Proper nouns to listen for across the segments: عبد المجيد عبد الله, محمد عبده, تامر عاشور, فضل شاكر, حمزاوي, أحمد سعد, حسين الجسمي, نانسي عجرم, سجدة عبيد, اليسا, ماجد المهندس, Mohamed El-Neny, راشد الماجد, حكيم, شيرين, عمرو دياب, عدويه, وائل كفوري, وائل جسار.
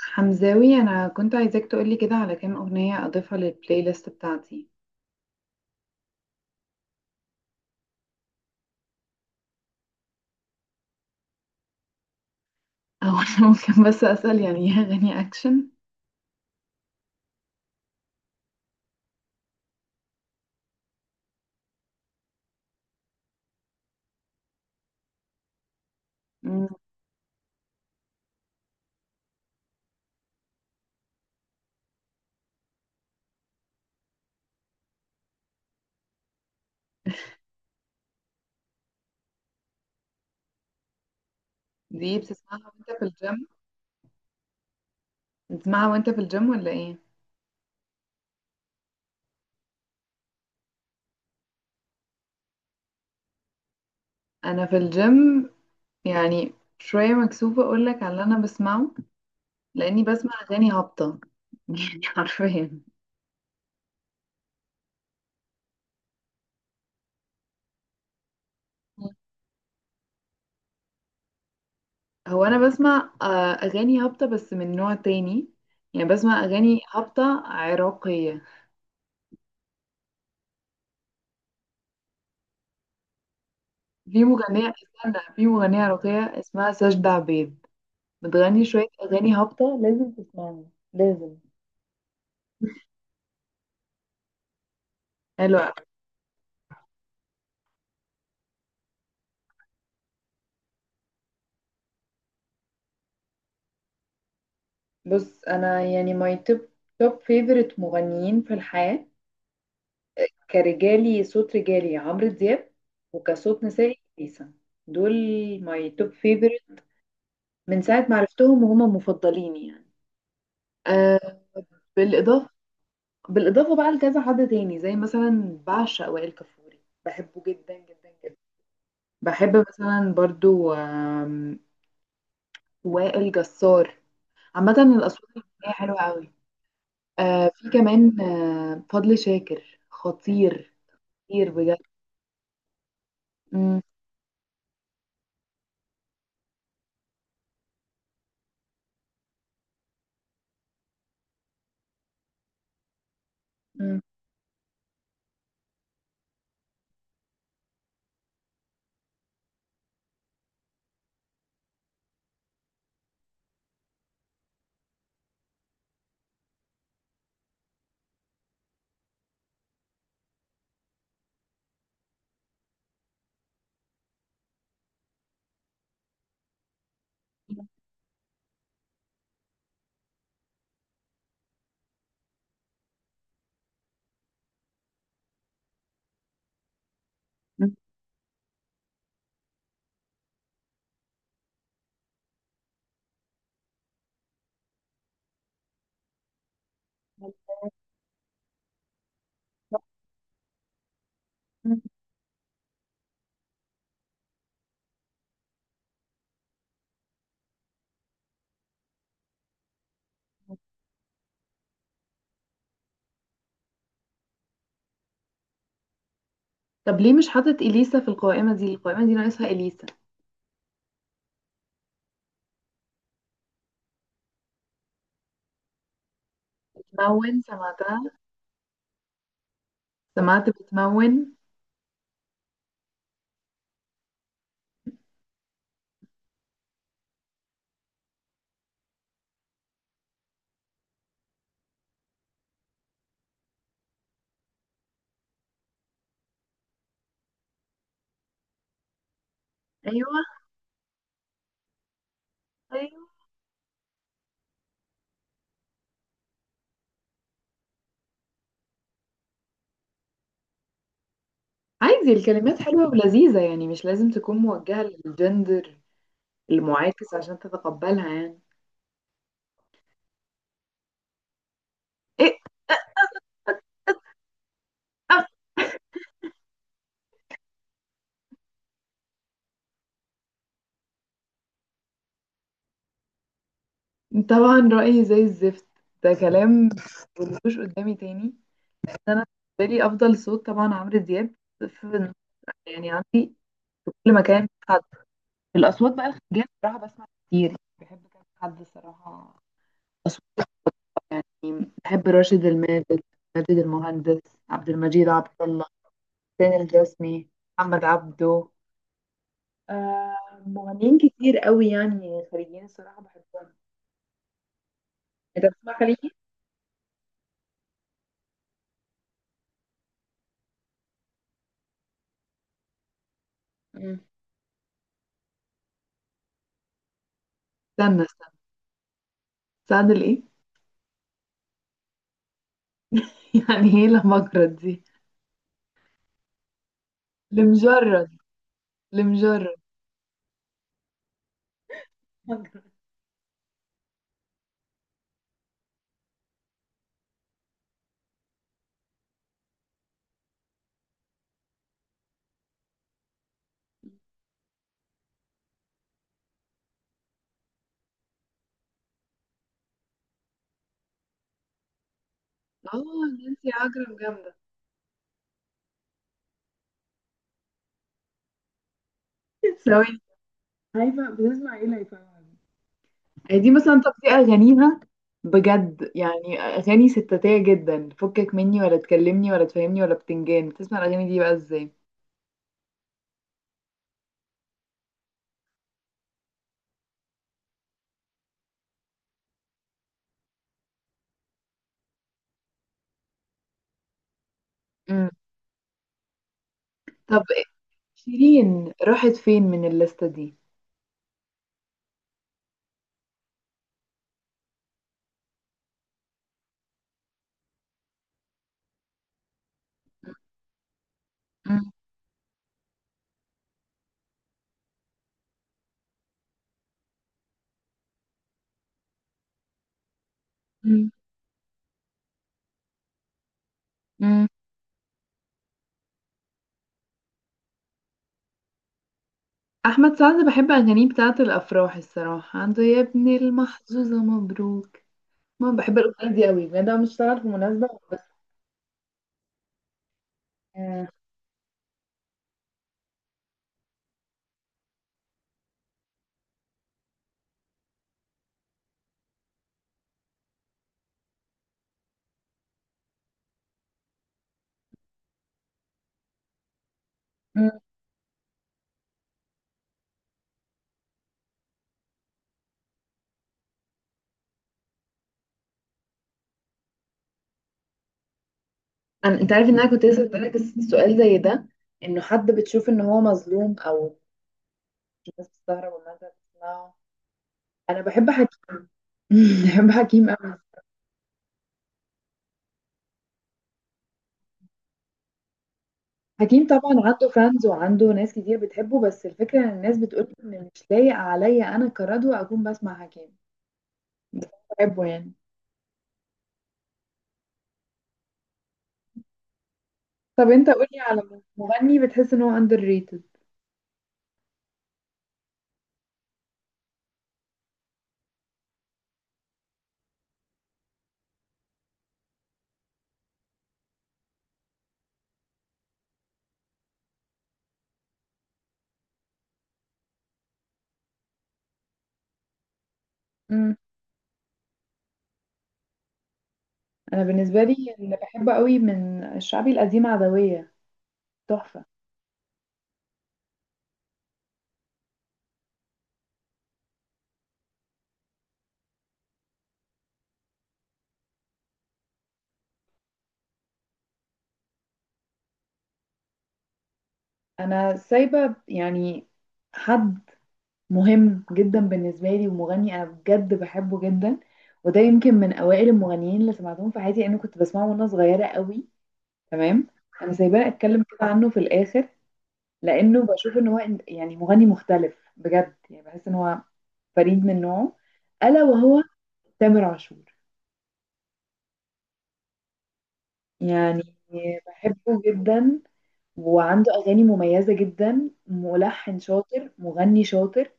حمزاوي، انا كنت عايزاك تقولي كده على كام اغنيه اضيفها للبلاي ليست بتاعتي. او انا ممكن بس اسال، يعني هي اغاني اكشن؟ مم. دي بتسمعها وانت في الجيم؟ بتسمعها وانت في الجيم ولا ايه؟ انا في الجيم، يعني شويه مكسوفه اقول لك على اللي انا بسمعه، لاني بسمع اغاني هابطه. يعني حرفيا. مم. هو انا بسمع اغاني هابطه بس من نوع تاني، يعني بسمع اغاني هابطه عراقيه. في مغنية استنى، في مغنية عراقية اسمها سجدة عبيد، بتغني شوية أغاني هابطة، لازم تسمعها. لازم. حلوة. بص انا يعني ماي توب توب فيفورت مغنيين في الحياة، صوت رجالي عمرو دياب، وكصوت نسائي اليسا. دول ماي توب فيفورت، من ساعة ما عرفتهم وهما مفضلين يعني. آه. بالإضافة بالإضافة بقى لكذا حد تاني، زي مثلا بعشق وائل كفوري، بحبه جدا جدا جدا. بحب مثلا برضو وائل جسار، عامة الأصوات الفنية حلوة أوي. في كمان فضل شاكر خطير، خطير بجد. مم، مم، مم. طب ليه مش حاطط إليسا في القائمة دي؟ القائمة دي ناقصها إليسا. بتمون سمعتها؟ سمعت بتمون؟ أيوة. أيوة. عادي، الكلمات حلوة ولذيذة، يعني مش لازم تكون موجهة للجندر المعاكس عشان تتقبلها يعني. إيه؟ طبعا رأيي زي الزفت. ده كلام؟ مقولوش قدامي تاني. انا بالنسبه لي افضل صوت طبعا عمرو دياب، في يعني عندي كل مكان حد. الاصوات بقى الخارجيه بصراحه بسمع كتير، بحب كذا حد الصراحه، اصوات. يعني بحب راشد الماجد، ماجد المهندس، عبد المجيد عبد الله، حسين الجسمي، محمد عبده، آه. مغنيين كتير قوي يعني خارجيين الصراحه بحبهم. انت بتسمع خليجي؟ مم. استنى، استنى. استنى لإيه؟ يعني ايه لمجرد دي؟ لمجرد. لمجرد. مجرد. اه. نانسي عجرم جامدة. ثواني. هيفا بتسمع ايه لهيفاء وهبي؟ دي مثلا، طب دي أغانيها، بجد يعني أغاني ستاتية جدا، فكك مني ولا تكلمني ولا تفهمني ولا بتنجان، بتسمع الأغاني دي بقى ازاي؟ مم. طب شيرين راحت فين من الليستة دي؟ مم. مم. مم. أحمد سعد بحب أغانيه بتاعة الأفراح الصراحة، عنده يا ابن المحظوظة مبروك، ما بحب الاغنيه دي قوي بجد، انا مش طالعه في مناسبه بس. آه، مم. انت عارف ان انا كنت لسه بسالك سؤال زي ده، انه حد بتشوف ان هو مظلوم، او الناس بتستغرب والناس بتسمعه. انا بحب حكيم. بحب حكيم قوي. حكيم طبعا عنده فانز وعنده ناس كتير بتحبه، بس الفكره ان الناس بتقول ان مش لايق عليا انا كردو اكون بسمع حكيم. بس أنا بحبه يعني. طب انت قولي على مغني بتحس ان هو underrated. مم. انا بالنسبه لي اللي بحبه قوي من الشعبي القديم عدويه، تحفة. أنا سايبة يعني حد مهم جدا بالنسبة لي، ومغني أنا بجد بحبه جدا، وده يمكن من أوائل المغنيين اللي سمعتهم في حياتي، لأنه كنت بسمعه وأنا صغيرة قوي. تمام. أنا سايباه أتكلم كده عنه في الآخر، لأنه بشوف إن هو يعني مغني مختلف بجد، يعني بحس إن هو فريد من نوعه، ألا وهو تامر عاشور. يعني بحبه جدا، وعنده أغاني مميزة جدا، ملحن شاطر مغني شاطر.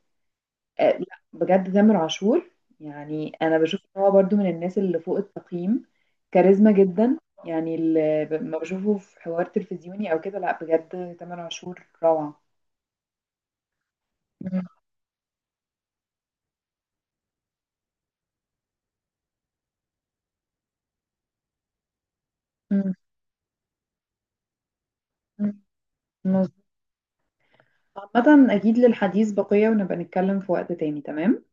لا بجد تامر عاشور، يعني انا بشوف ان هو برضو من الناس اللي فوق التقييم، كاريزما جدا. يعني اللي ما بشوفه في حوار تلفزيوني او كده، لا بجد تامر عاشور روعة. مم. مم. مم. مظبوط. عامة اكيد للحديث بقية، ونبقى نتكلم في وقت تاني، تمام.